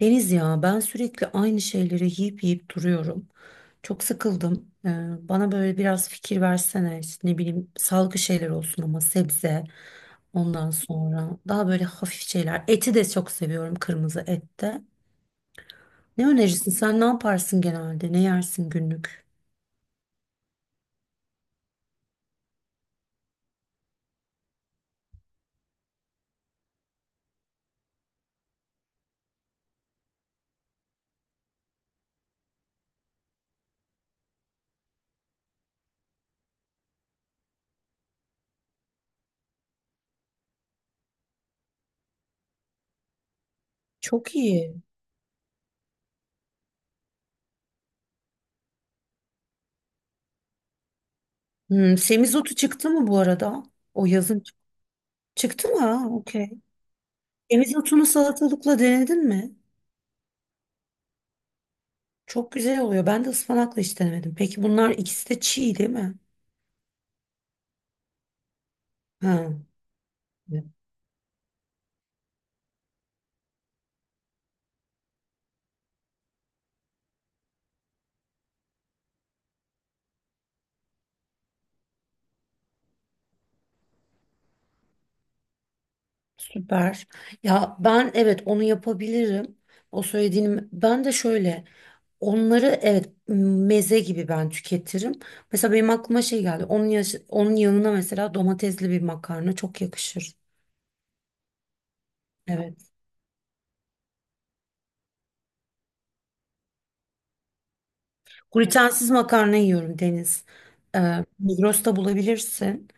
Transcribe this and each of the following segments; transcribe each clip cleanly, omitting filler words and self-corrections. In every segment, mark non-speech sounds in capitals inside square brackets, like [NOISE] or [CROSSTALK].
Deniz ya ben sürekli aynı şeyleri yiyip yiyip duruyorum. Çok sıkıldım. Bana böyle biraz fikir versene. İşte ne bileyim sağlıklı şeyler olsun ama sebze. Ondan sonra daha böyle hafif şeyler. Eti de çok seviyorum kırmızı ette. Ne önerirsin? Sen ne yaparsın genelde? Ne yersin günlük? Çok iyi. Semizotu çıktı mı bu arada? O yazın çıktı mı? Ha, okey. Semizotunu salatalıkla denedin mi? Çok güzel oluyor. Ben de ıspanakla hiç denemedim. Peki bunlar ikisi de çiğ değil mi? Ha, evet. Süper. Ya ben evet onu yapabilirim. O söylediğim ben de şöyle onları evet meze gibi ben tüketirim. Mesela benim aklıma şey geldi. Onun yanına mesela domatesli bir makarna çok yakışır. Evet. Glutensiz makarna yiyorum Deniz. Migros'ta bulabilirsin.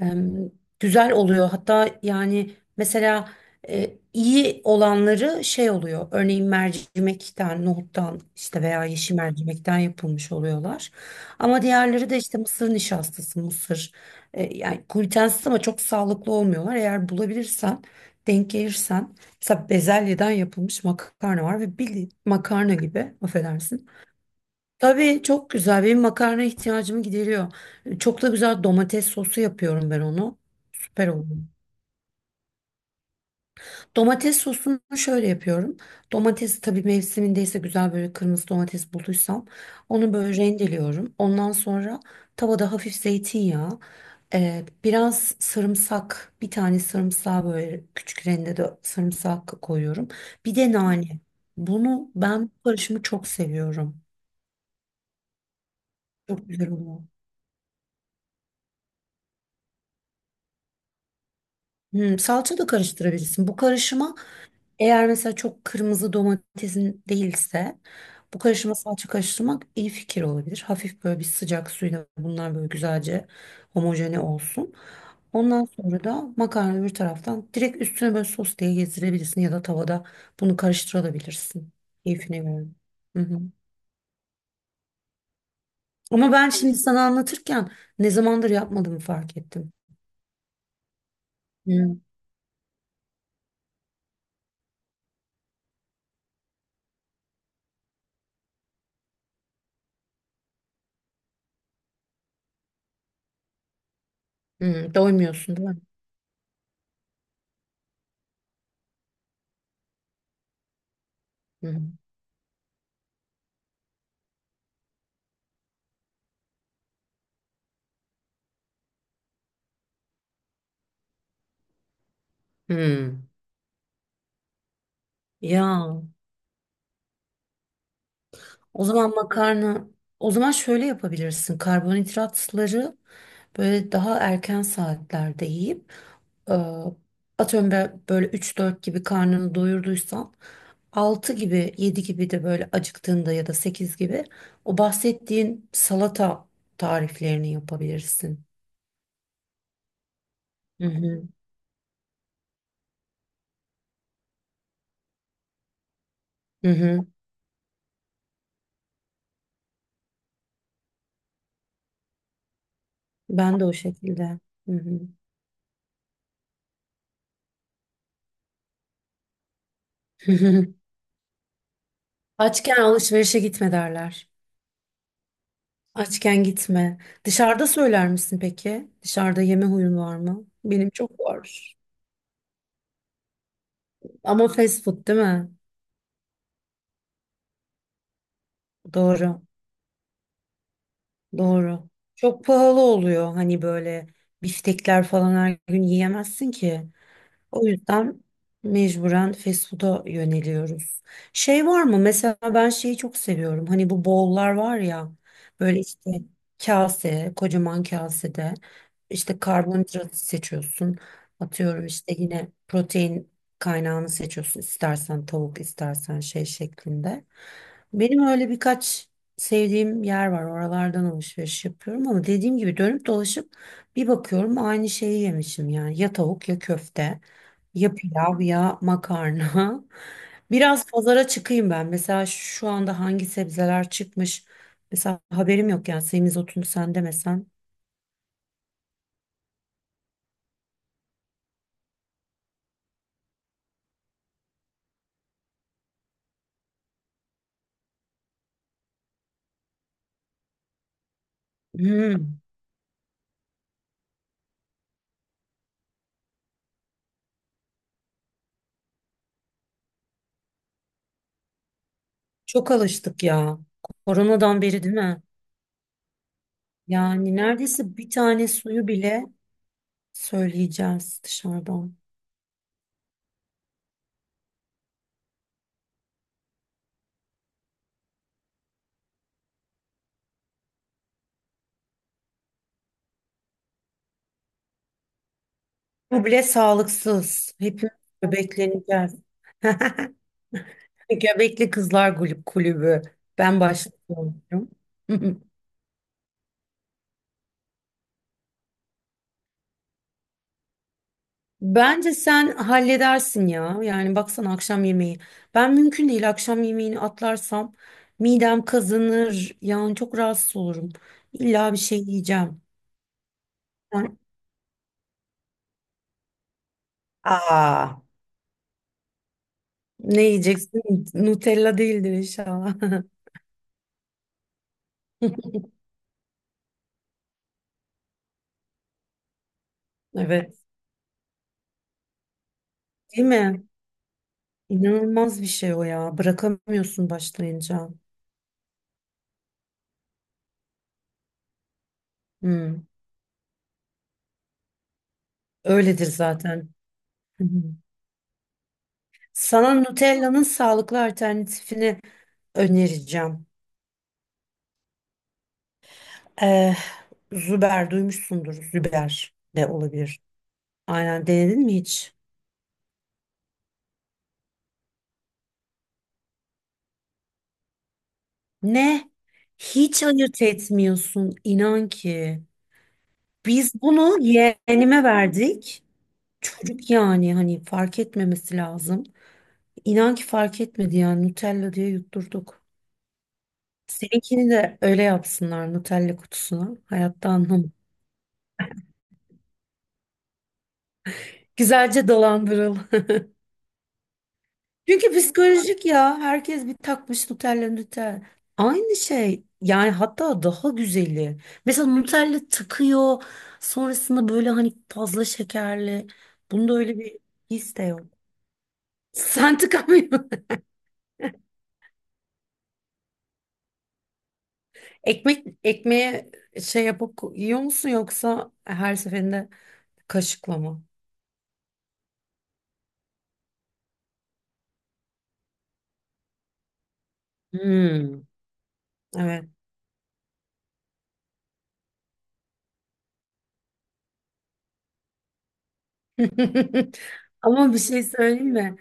em, güzel oluyor. Hatta yani mesela iyi olanları şey oluyor. Örneğin mercimekten, nohuttan işte veya yeşil mercimekten yapılmış oluyorlar. Ama diğerleri de işte mısır nişastası, mısır yani glutensiz ama çok sağlıklı olmuyorlar. Eğer bulabilirsen, denk gelirsen mesela bezelyeden yapılmış makarna var ve bildiğin makarna gibi affedersin. Tabii çok güzel. Benim makarna ihtiyacımı gideriyor. Çok da güzel domates sosu yapıyorum ben onu. Süper oluyor. Domates sosunu şöyle yapıyorum. Domatesi tabii mevsimindeyse güzel böyle kırmızı domates bulduysam onu böyle rendeliyorum. Ondan sonra tavada hafif zeytinyağı, biraz sarımsak, bir tane sarımsağı böyle küçük rendede sarımsak koyuyorum. Bir de nane. Bunu ben bu karışımı çok seviyorum. Çok güzel oluyor. Salça da karıştırabilirsin. Bu karışıma eğer mesela çok kırmızı domatesin değilse bu karışıma salça karıştırmak iyi fikir olabilir. Hafif böyle bir sıcak suyla bunlar böyle güzelce homojene olsun. Ondan sonra da makarna bir taraftan direkt üstüne böyle sos diye gezdirebilirsin ya da tavada bunu karıştırabilirsin. Keyfine göre. Hı hı. Ama ben şimdi sana anlatırken ne zamandır yapmadığımı fark ettim. Hı. Hı, doymuyorsun değil mi? Hı. Hı. Ya. O zaman makarna, o zaman şöyle yapabilirsin. Karbonhidratları böyle daha erken saatlerde yiyip e, atıyorum ben böyle üç dört gibi karnını doyurduysan 6 gibi 7 gibi de böyle acıktığında ya da 8 gibi o bahsettiğin salata tariflerini yapabilirsin. Hı hı. Hı hı. Ben de o şekilde. Hı hı. [LAUGHS] Açken alışverişe gitme derler. Açken gitme. Dışarıda söyler misin peki? Dışarıda yeme huyun var mı? Benim çok var. Ama fast food değil mi? Doğru. Doğru. Çok pahalı oluyor. Hani böyle biftekler falan her gün yiyemezsin ki. O yüzden mecburen fast food'a yöneliyoruz. Şey var mı? Mesela ben şeyi çok seviyorum. Hani bu bowl'lar var ya. Böyle işte kase, kocaman kasede işte karbonhidratı seçiyorsun. Atıyorum işte yine protein kaynağını seçiyorsun. İstersen tavuk, istersen şey şeklinde. Benim öyle birkaç sevdiğim yer var. Oralardan alışveriş yapıyorum ama dediğim gibi dönüp dolaşıp bir bakıyorum aynı şeyi yemişim yani. Ya tavuk ya köfte. Ya pilav ya makarna. [LAUGHS] Biraz pazara çıkayım ben. Mesela şu anda hangi sebzeler çıkmış? Mesela haberim yok yani semizotunu sen demesen. Hmm, çok alıştık ya. Koronadan beri değil mi? Yani neredeyse bir tane suyu bile söyleyeceğiz dışarıdan. Bu bile sağlıksız. Hepimiz göbekleneceğiz. [LAUGHS] Göbekli Kızlar Kulübü. Ben başlıyorum. [LAUGHS] Bence sen halledersin ya. Yani baksana akşam yemeği. Ben mümkün değil akşam yemeğini atlarsam midem kazanır. Yani çok rahatsız olurum. İlla bir şey yiyeceğim. Sen Aa, Ne yiyeceksin? Nutella değildir inşallah. [LAUGHS] Evet. Değil mi? İnanılmaz bir şey o ya. Bırakamıyorsun başlayınca. Hmm. Öyledir zaten. Hı hı. Sana Nutella'nın sağlıklı alternatifini önereceğim. Eh, Züber duymuşsundur. Züber de olabilir. Aynen denedin mi hiç? Ne? Hiç ayırt etmiyorsun inan ki. Biz bunu yeğenime verdik. Çocuk yani hani fark etmemesi lazım. İnan ki fark etmedi yani Nutella diye yutturduk. Seninkini de öyle yapsınlar Nutella kutusuna. Hayatta anlamı. Güzelce dolandırıl. Çünkü psikolojik ya. Herkes bir takmış Nutella Nutella. Aynı şey. Yani hatta daha güzeli. Mesela Nutella takıyor. Sonrasında böyle hani fazla şekerli. Bunda öyle bir his de yok. Sen tıkamıyorsun. [LAUGHS] Ekmeğe şey yapıp yiyor musun yoksa her seferinde kaşıkla mı? Hmm, evet. [LAUGHS] Ama bir şey söyleyeyim mi?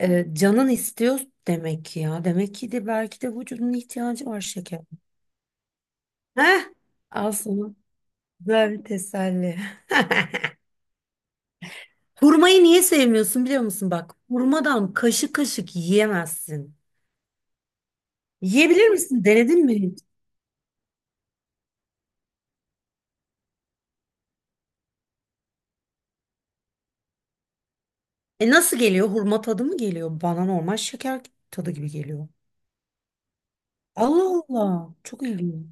Canın istiyor demek ki ya. Demek ki de belki de vücudun ihtiyacı var şeker. Heh, al sana. Güzel bir teselli. [LAUGHS] Hurmayı niye sevmiyorsun biliyor musun bak? Hurmadan kaşık kaşık yiyemezsin. Yiyebilir misin? Denedin mi hiç? E nasıl geliyor? Hurma tadı mı geliyor? Bana normal şeker tadı gibi geliyor. Allah Allah. Çok ilginç.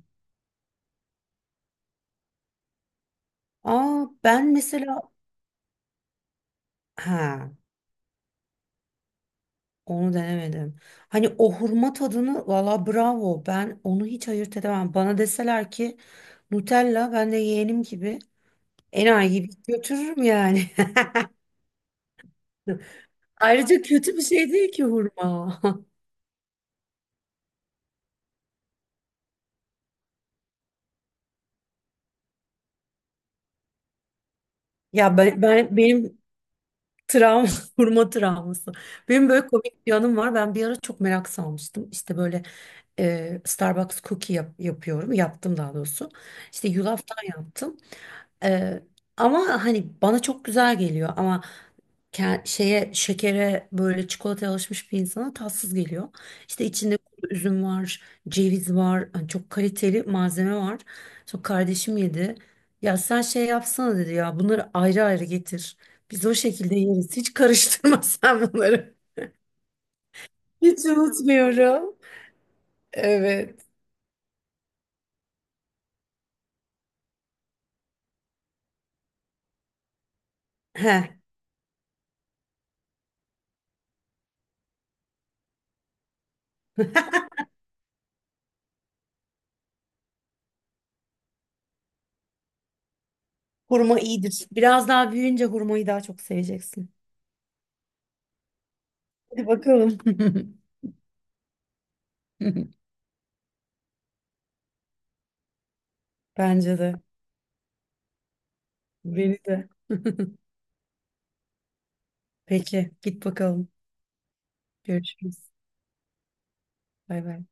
Aa, ben mesela ha onu denemedim. Hani o hurma tadını valla bravo. Ben onu hiç ayırt edemem. Bana deseler ki Nutella ben de yeğenim gibi enayi gibi götürürüm yani. [LAUGHS] Ayrıca kötü bir şey değil ki hurma. [LAUGHS] Ya ben benim travma [LAUGHS] hurma travması. Benim böyle komik bir anım var. Ben bir ara çok merak salmıştım. İşte böyle Starbucks cookie yapıyorum. Yaptım daha doğrusu. İşte yulaftan yaptım. E, ama hani bana çok güzel geliyor ama ke- şeye şekere böyle çikolataya alışmış bir insana tatsız geliyor. İşte içinde kuru üzüm var, ceviz var, hani çok kaliteli malzeme var. Sonra kardeşim yedi. Ya sen şey yapsana dedi ya bunları ayrı ayrı getir. Biz o şekilde yeriz. Hiç karıştırma [LAUGHS] sen bunları. Hiç unutmuyorum. Evet. He, hurma iyidir. Biraz daha büyüyünce hurmayı daha çok seveceksin. Hadi bakalım. [LAUGHS] Bence de. Beni de. [LAUGHS] Peki, git bakalım. Görüşürüz. Bay bay.